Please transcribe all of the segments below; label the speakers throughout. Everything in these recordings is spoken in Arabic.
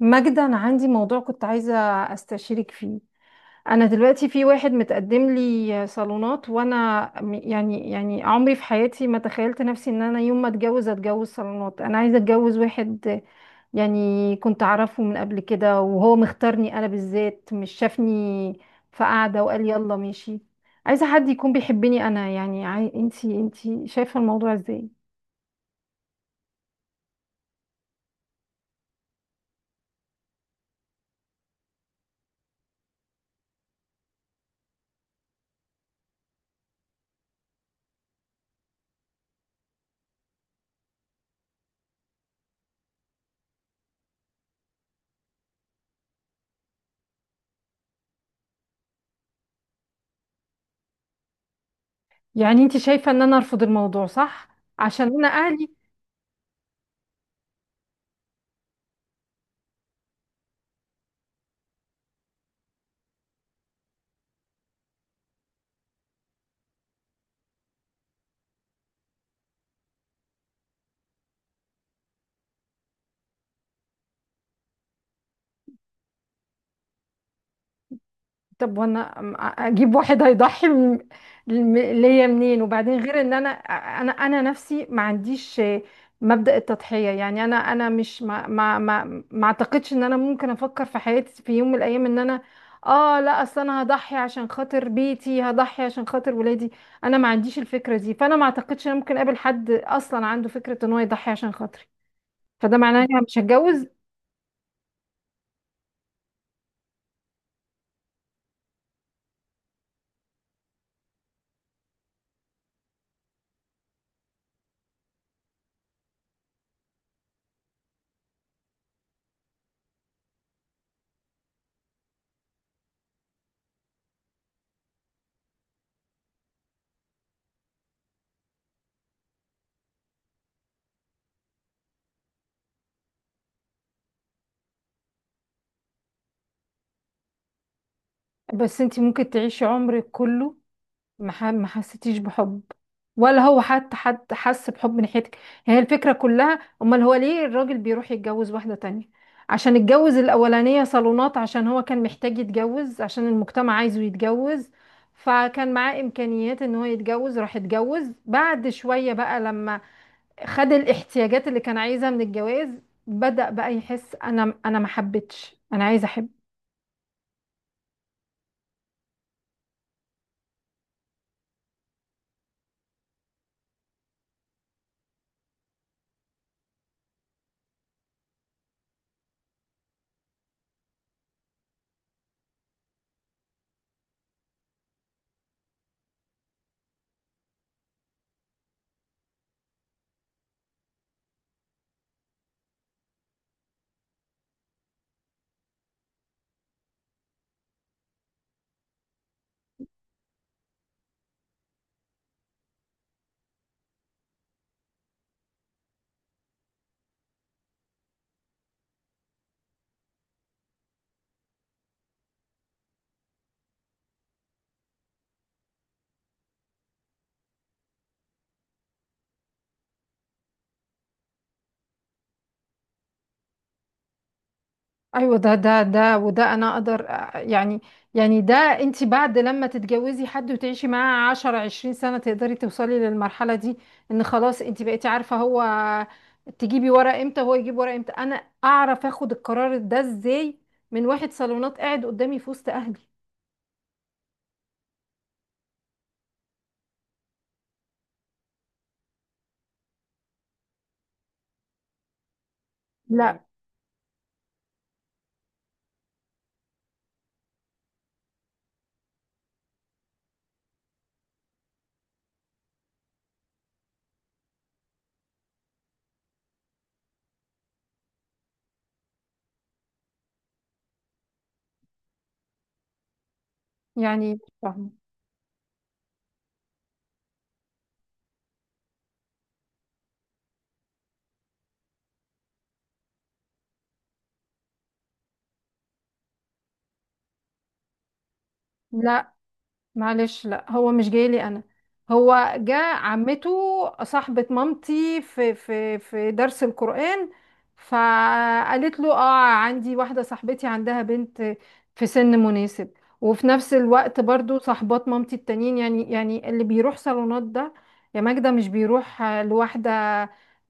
Speaker 1: ماجدة، أنا عندي موضوع كنت عايزة أستشيرك فيه. أنا دلوقتي في واحد متقدم لي صالونات، وأنا يعني عمري في حياتي ما تخيلت نفسي إن أنا يوم ما أتجوز، أتجوز صالونات. أنا عايزة أتجوز واحد يعني كنت أعرفه من قبل كده، وهو مختارني أنا بالذات، مش شافني في قعدة وقال يلا ماشي. عايزة حد يكون بيحبني أنا، يعني أنتي شايفة الموضوع إزاي؟ يعني أنتي شايفة إن أنا أرفض الموضوع، صح؟ عشان أنا أهلي. طب وانا اجيب واحد هيضحي ليا منين؟ وبعدين غير ان انا نفسي ما عنديش مبدأ التضحية. يعني انا انا مش ما ما ما, ما اعتقدش ان انا ممكن افكر في حياتي في يوم من الايام ان انا اه لا، اصل انا هضحي عشان خاطر بيتي، هضحي عشان خاطر ولادي. انا ما عنديش الفكرة دي، فانا ما اعتقدش ان انا ممكن اقابل حد اصلا عنده فكرة ان هو يضحي عشان خاطري، فده معناه ان انا مش هتجوز. بس انتي ممكن تعيشي عمرك كله ما حسيتيش بحب، ولا هو حتى حد حس بحب من ناحيتك. هي الفكرة كلها، امال هو ليه الراجل بيروح يتجوز واحدة تانية؟ عشان اتجوز الاولانية صالونات، عشان هو كان محتاج يتجوز، عشان المجتمع عايزه يتجوز، فكان معاه امكانيات ان هو يتجوز، راح اتجوز. بعد شوية بقى لما خد الاحتياجات اللي كان عايزها من الجواز، بدأ بقى يحس انا ما حبيتش، انا عايز احب. ايوه، ده وده انا اقدر يعني، يعني ده انت بعد لما تتجوزي حد وتعيشي معاه 10 20 سنة تقدري توصلي للمرحلة دي. ان خلاص انت بقيتي عارفة هو تجيبي ورق امتى، هو يجيب ورق امتى. انا اعرف اخد القرار ده ازاي من واحد صالونات قاعد قدامي في وسط اهلي؟ لا. يعني مش فاهمة. لا، معلش، لا هو مش جاي لي انا، هو جاء عمته. صاحبة مامتي في درس القرآن، فقالت له، عندي واحدة صاحبتي عندها بنت في سن مناسب. وفي نفس الوقت برضو صاحبات مامتي التانيين، يعني اللي بيروح صالونات ده يا ماجدة مش بيروح لوحده.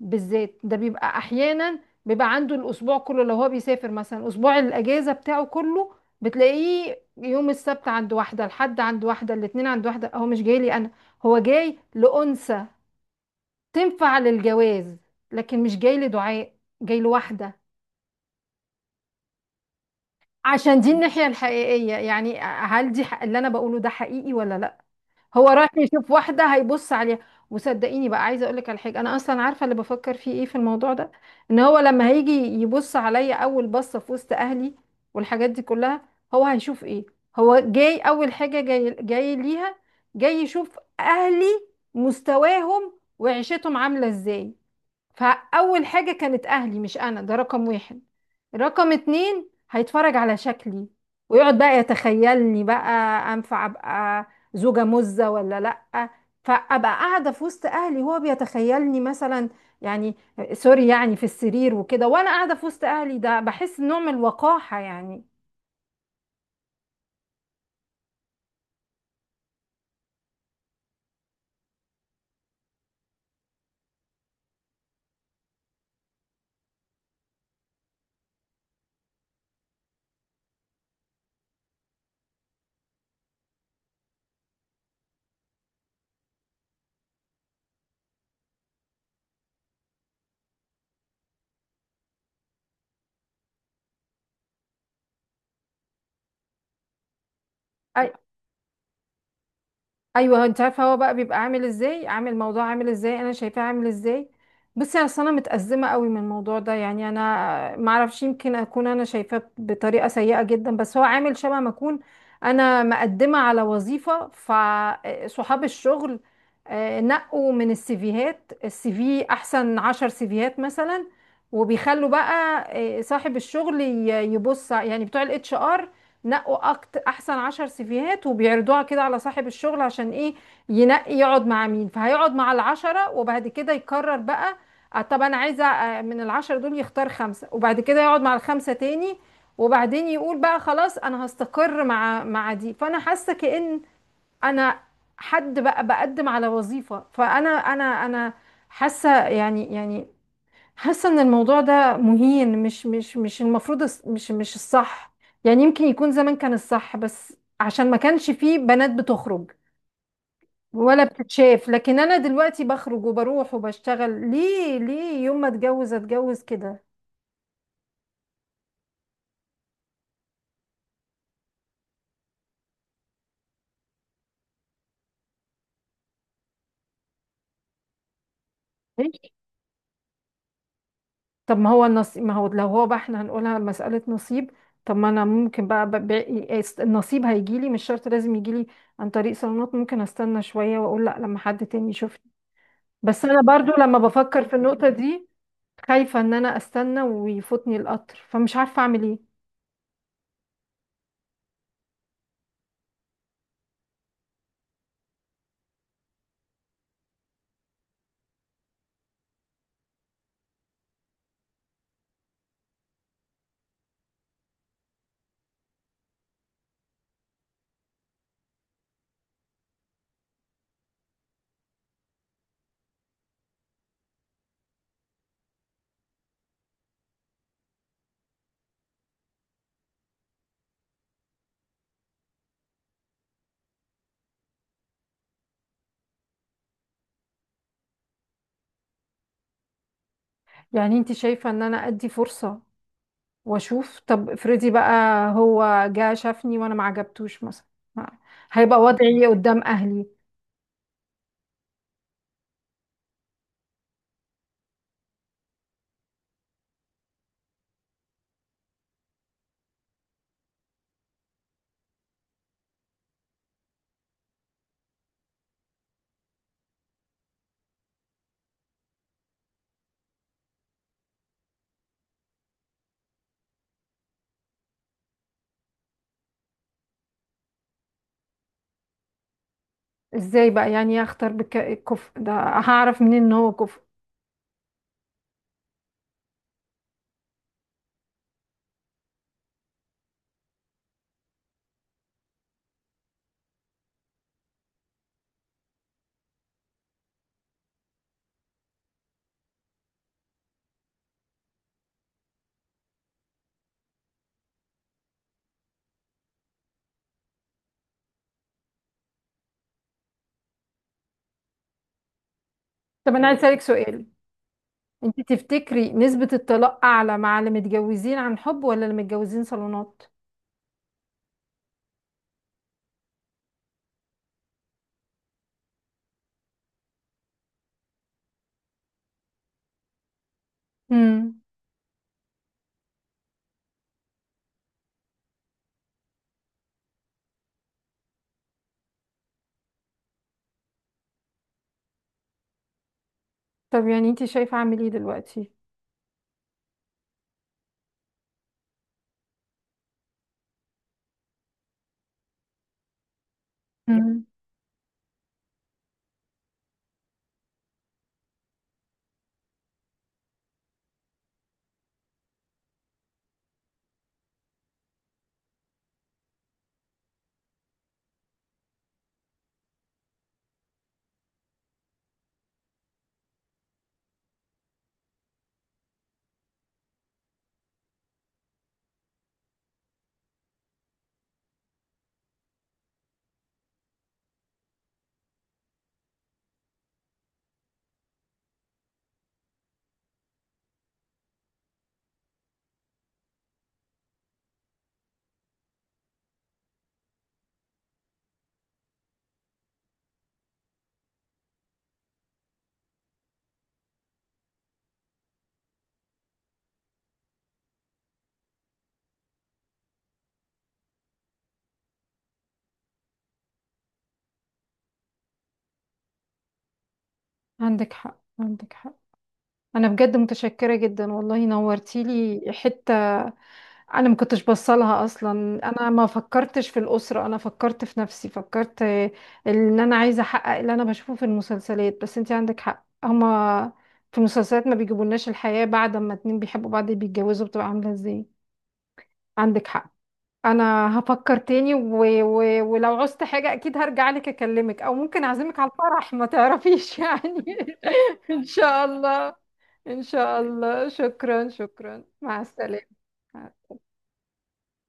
Speaker 1: بالذات ده بيبقى احيانا بيبقى عنده الاسبوع كله. لو هو بيسافر مثلا اسبوع الاجازة بتاعه كله، بتلاقيه يوم السبت عند واحدة، الحد عند واحدة، الاتنين عند واحدة. هو مش جاي لي أنا، هو جاي لأنثى تنفع للجواز، لكن مش جاي لدعاء، جاي لواحدة. عشان دي الناحية الحقيقية، يعني هل دي حق؟ اللي أنا بقوله ده حقيقي ولا لأ؟ هو رايح يشوف واحدة هيبص عليها. وصدقيني بقى، عايزة اقولك على حاجة، انا اصلا عارفة اللي بفكر فيه ايه في الموضوع ده. ان هو لما هيجي يبص عليا اول بصة في وسط اهلي والحاجات دي كلها، هو هيشوف ايه؟ هو جاي اول حاجة جاي ليها، جاي يشوف اهلي، مستواهم وعيشتهم عاملة ازاي. فأول حاجة كانت أهلي مش أنا، ده رقم واحد. رقم اتنين هيتفرج على شكلي، ويقعد بقى يتخيلني بقى، أنفع أبقى زوجة مزة ولا لأ. فأبقى قاعدة في وسط أهلي هو بيتخيلني مثلا، يعني سوري، يعني في السرير وكده، وأنا قاعدة في وسط أهلي. ده بحس نوع من الوقاحة يعني. أي- ايوه، انت عارفه هو بقى بيبقى عامل ازاي، عامل موضوع عامل ازاي، انا شايفاه عامل ازاي. بصي يعني انا متأزمه قوي من الموضوع ده، يعني انا ما اعرفش، يمكن اكون انا شايفاه بطريقه سيئه جدا، بس هو عامل شبه ما اكون انا مقدمه على وظيفه. فصحاب الشغل نقوا من السيفيهات، السي في، احسن 10 سيفيهات مثلا، وبيخلوا بقى صاحب الشغل يبص، يعني بتوع الاتش ار نقوا أكت احسن 10 سيفيهات، وبيعرضوها كده على صاحب الشغل. عشان ايه؟ ينقي يقعد مع مين، فهيقعد مع العشرة وبعد كده يقرر بقى. طب انا عايزه من العشرة دول يختار خمسة، وبعد كده يقعد مع الخمسة تاني، وبعدين يقول بقى خلاص انا هستقر مع دي. فانا حاسه كأن انا حد بقى بقدم على وظيفة، فانا انا انا حاسه، يعني حاسه ان الموضوع ده مهين، مش المفروض، مش الصح. يعني يمكن يكون زمان كان الصح، بس عشان ما كانش فيه بنات بتخرج ولا بتتشاف. لكن انا دلوقتي بخرج وبروح وبشتغل، ليه يوم ما اتجوز، اتجوز كده؟ ليه؟ طب ما هو النصيب، ما هو لو هو بقى احنا هنقولها مسألة نصيب، طب ما انا ممكن بقى النصيب هيجيلي. مش شرط لازم يجيلي عن طريق صالونات، ممكن استنى شوية واقول لا لما حد تاني يشوفني. بس انا برضو لما بفكر في النقطة دي خايفة ان انا استنى ويفوتني القطر، فمش عارفة اعمل ايه. يعني انت شايفة ان انا ادي فرصة واشوف؟ طب افرضي بقى هو جه شافني وانا ما عجبتوش مثلا، ما- هيبقى وضعي إيه قدام اهلي؟ ازاي بقى؟ يعني إيه اختار بالكفء ده، هعرف منين ان هو كفء؟ طب انا عايز اسالك سؤال، انت تفتكري نسبة الطلاق اعلى مع اللي متجوزين عن حب ولا اللي متجوزين صالونات؟ امم. طب يعني انت شايفة اعمل ايه دلوقتي؟ امم. عندك حق، عندك حق. انا بجد متشكره جدا والله، نورتيلي حته. انا ما كنتش بصلها اصلا، انا ما فكرتش في الاسره، انا فكرت في نفسي، فكرت ان انا عايزه احقق اللي انا بشوفه في المسلسلات. بس انت عندك حق، هما في المسلسلات ما بيجيبولناش الحياه بعد ما اتنين بيحبوا بعض بيتجوزوا بتبقى عامله ازاي. عندك حق. انا هفكر تاني، ولو عوزت حاجه اكيد هرجع لك اكلمك، او ممكن اعزمك على الفرح ما تعرفيش يعني. إن شاء الله، إن شاء الله. شكرا، شكرا، مع السلامة.